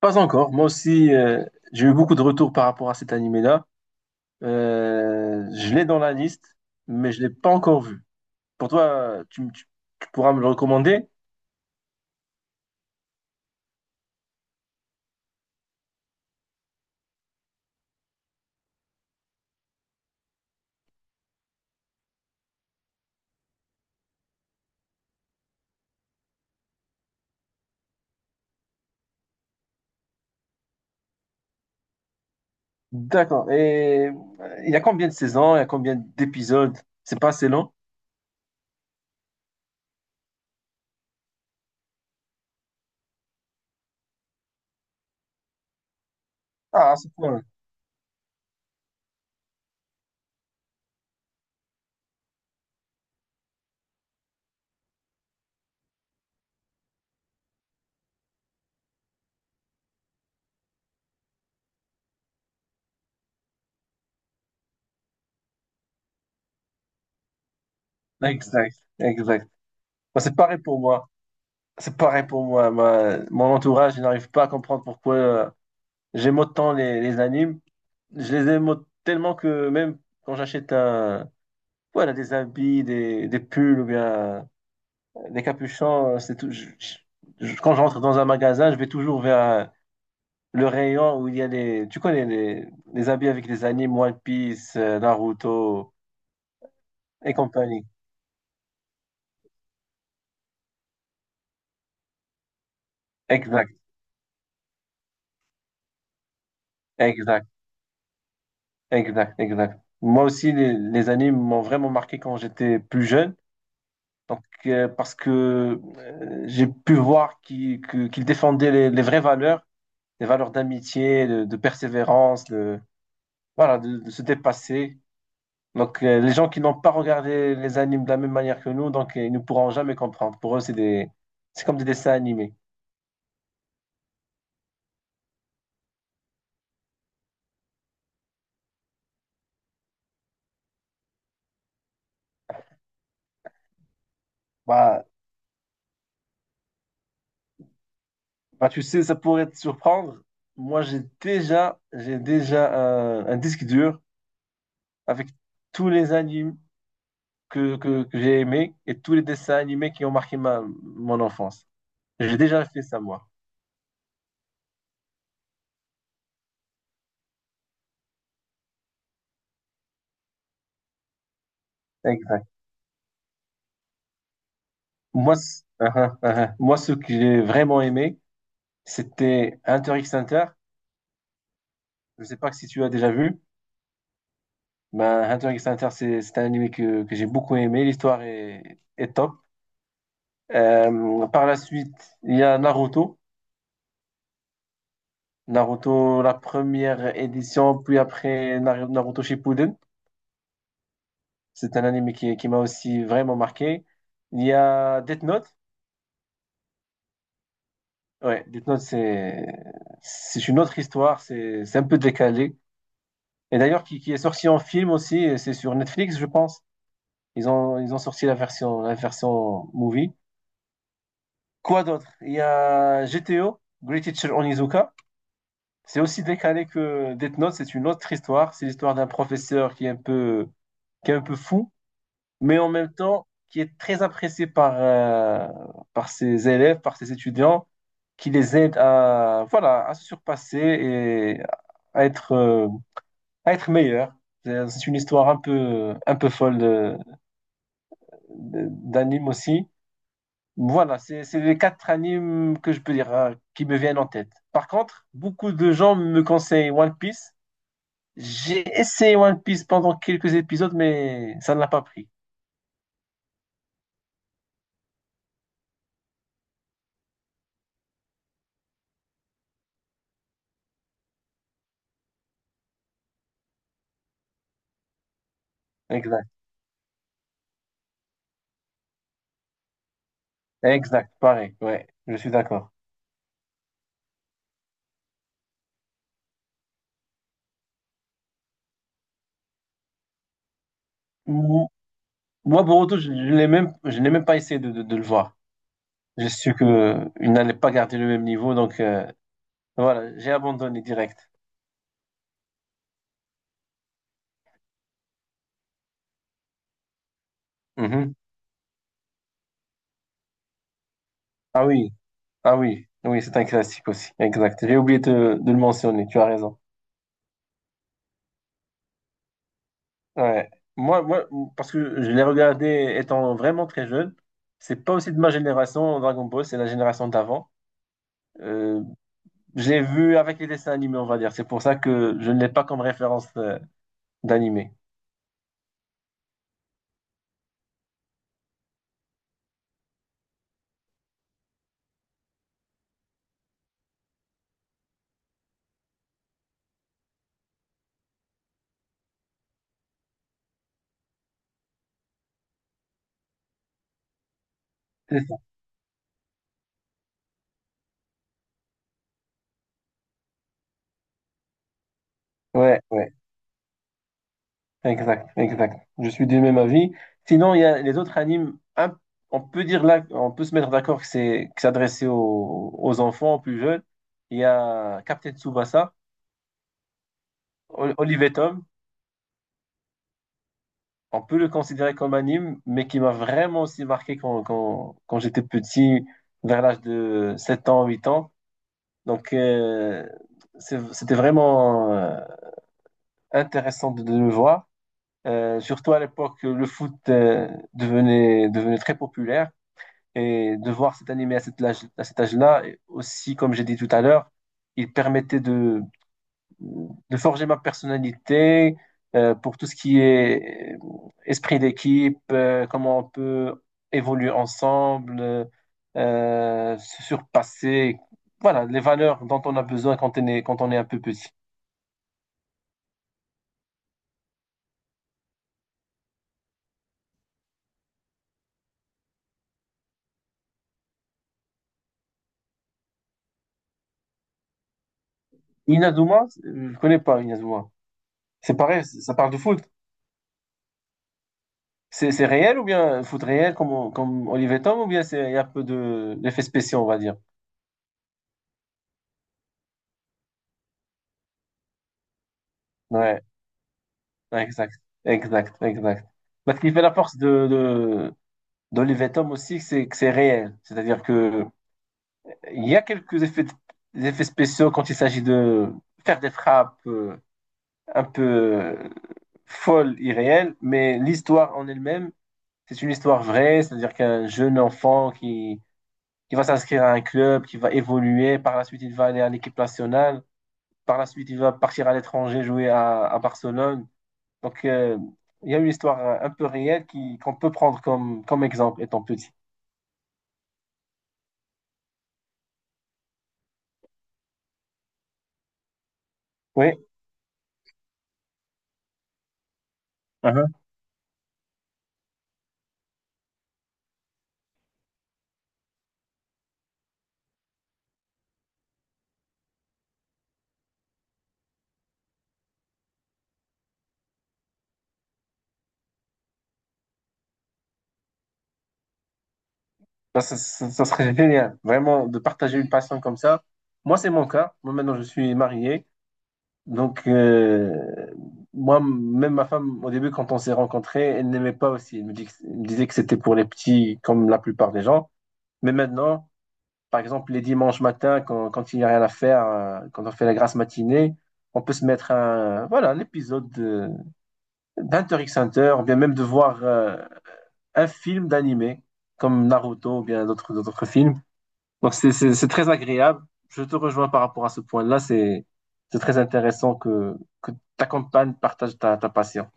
Pas encore. Moi aussi, j'ai eu beaucoup de retours par rapport à cet animé-là. Je l'ai dans la liste, mais je l'ai pas encore vu. Pour toi, tu pourras me le recommander? D'accord. Et il y a combien de saisons? Il y a combien d'épisodes? C'est pas assez long? Ah, c'est cool. Exact, exact. Moi, c'est pareil pour moi. C'est pareil pour moi. Mon entourage, il n'arrive pas à comprendre pourquoi j'aime autant les animes. Je les aime tellement que même quand j'achète un, voilà, des habits, des pulls ou bien des capuchons. C'est tout. Quand je rentre dans un magasin, je vais toujours vers le rayon où il y a les. Tu connais les habits avec les animes One Piece, Naruto et compagnie. Exact, exact, exact, exact. Moi aussi, les animes m'ont vraiment marqué quand j'étais plus jeune. Donc, parce que j'ai pu voir qu'ils défendaient les vraies valeurs, les valeurs d'amitié, de persévérance, voilà, de se dépasser. Donc, les gens qui n'ont pas regardé les animes de la même manière que nous, donc, ils ne pourront jamais comprendre. Pour eux, c'est des... c'est comme des dessins animés. Bah, bah, tu sais, ça pourrait te surprendre. Moi, j'ai déjà un disque dur avec tous les animes que j'ai aimés et tous les dessins animés qui ont marqué mon enfance. J'ai déjà fait ça, moi. Exact. Moi, uh-huh, uh-huh. Moi, ce que j'ai vraiment aimé, c'était Hunter x Hunter. Je ne sais pas si tu as déjà vu. Ben, Hunter x Hunter, c'est un anime que j'ai beaucoup aimé. L'histoire est top. Par la suite, il y a Naruto. Naruto, la première édition, puis après Naruto Shippuden. C'est un anime qui m'a aussi vraiment marqué. Il y a Death Note. Ouais, Death Note, c'est une autre histoire. C'est un peu décalé. Et d'ailleurs, qui est sorti en film aussi. Et c'est sur Netflix, je pense. Ils ont sorti la version movie. Quoi d'autre? Il y a GTO, Great Teacher Onizuka. C'est aussi décalé que Death Note, c'est une autre histoire. C'est l'histoire d'un professeur qui est un peu, qui est un peu fou, mais en même temps qui est très apprécié par, par ses élèves, par ses étudiants, qui les aide à, voilà, à se surpasser et à être, euh, à être meilleur. C'est une histoire un peu folle d'anime aussi. Voilà, c'est les quatre animes que je peux dire hein, qui me viennent en tête. Par contre, beaucoup de gens me conseillent One Piece. J'ai essayé One Piece pendant quelques épisodes, mais ça ne l'a pas pris. Exact, exact, pareil, ouais, je suis d'accord. Mou- Moi, Boruto, je l'ai même, je n'ai même pas essayé de le voir. J'ai su que il n'allait pas garder le même niveau, donc voilà, j'ai abandonné direct. Mhm. Ah oui, ah oui, oui, c'est un classique aussi, exact. J'ai oublié de le mentionner, tu as raison. Ouais. Moi, parce que je l'ai regardé étant vraiment très jeune. C'est pas aussi de ma génération, Dragon Ball, c'est la génération d'avant. Euh, je l'ai vu avec les dessins animés, on va dire. C'est pour ça que je ne l'ai pas comme référence d'animé. C'est ça. Ouais, ouais. Exact, exact. Je suis du même avis. Sinon, il y a les autres animes, on peut dire là, on peut se mettre d'accord que c'est adressé aux, aux enfants, aux plus jeunes. Il y a Captain Tsubasa, Olive et Tom. On peut le considérer comme anime, mais qui m'a vraiment aussi marqué quand j'étais petit, vers l'âge de 7 ans, 8 ans. Donc, c'était vraiment intéressant de le voir. Surtout à l'époque, le foot devenait très populaire. Et de voir cet animé à cet âge, à cet âge-là, et aussi, comme j'ai dit tout à l'heure, il permettait de forger ma personnalité pour tout ce qui est esprit d'équipe, comment on peut évoluer ensemble, se surpasser, voilà, les valeurs dont on a besoin quand on est un peu petit. Inazuma, je connais pas Inazuma. C'est pareil, ça parle de foot. C'est réel ou bien foot réel comme Olivier Tom ou bien c'est il y a un peu de d'effets spéciaux, on va dire. Ouais, ouais, exact, exact, exact. Parce qu'il fait la force de d'Olivier Tom aussi, c'est que c'est réel. C'est-à-dire que il y a quelques effets, des effets spéciaux quand il s'agit de faire des frappes un peu folles, irréelles, mais l'histoire en elle-même, c'est une histoire vraie, c'est-à-dire qu'un jeune enfant qui va s'inscrire à un club, qui va évoluer, par la suite il va aller à l'équipe nationale. Par la suite, il va partir à l'étranger, à Barcelone. Donc, il y a une histoire un peu réelle qu'on peut prendre comme exemple étant petit. Oui, uh-huh. Ben, ça serait génial, vraiment, de partager une passion comme ça. Moi, c'est mon cas. Moi, maintenant, je suis marié. Donc, moi, même ma femme, au début, quand on s'est rencontrés, elle n'aimait pas aussi. Elle me disait que c'était pour les petits, comme la plupart des gens. Mais maintenant, par exemple, les dimanches matins, quand il n'y a rien à faire, quand on fait la grasse matinée, on peut se mettre un, voilà, un épisode d'Hunter x Hunter, ou bien même de voir un film d'animé, comme Naruto, ou bien d'autres films. Donc, c'est très agréable. Je te rejoins par rapport à ce point-là. C'est très intéressant que ta compagne partage ta passion.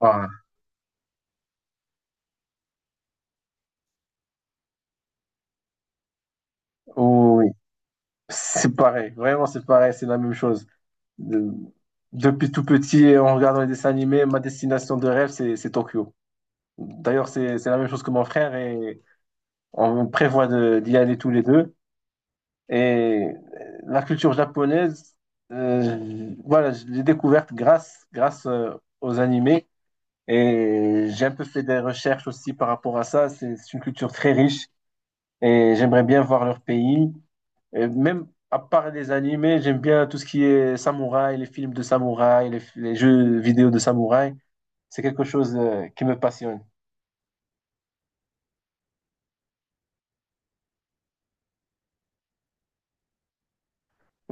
Voilà. Oh, oui, oui. C'est pareil. Vraiment, c'est pareil. C'est la même chose. De- Depuis tout petit, en regardant les dessins animés, ma destination de rêve, c'est Tokyo. D'ailleurs, c'est la même chose que mon frère et on prévoit d'y aller tous les deux. Et la culture japonaise, voilà, je l'ai découverte grâce aux animés. Et j'ai un peu fait des recherches aussi par rapport à ça. C'est une culture très riche et j'aimerais bien voir leur pays. Et même à part les animés, j'aime bien tout ce qui est samouraï, les films de samouraï, les jeux vidéo de samouraï. C'est quelque chose qui me passionne.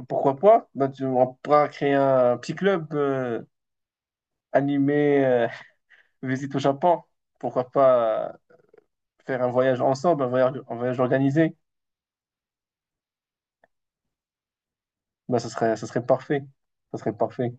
Pourquoi pas? On pourra créer un petit club animé visite au Japon. Pourquoi pas faire un voyage ensemble, un voyage organisé? Ben, ça serait parfait. Ça serait parfait.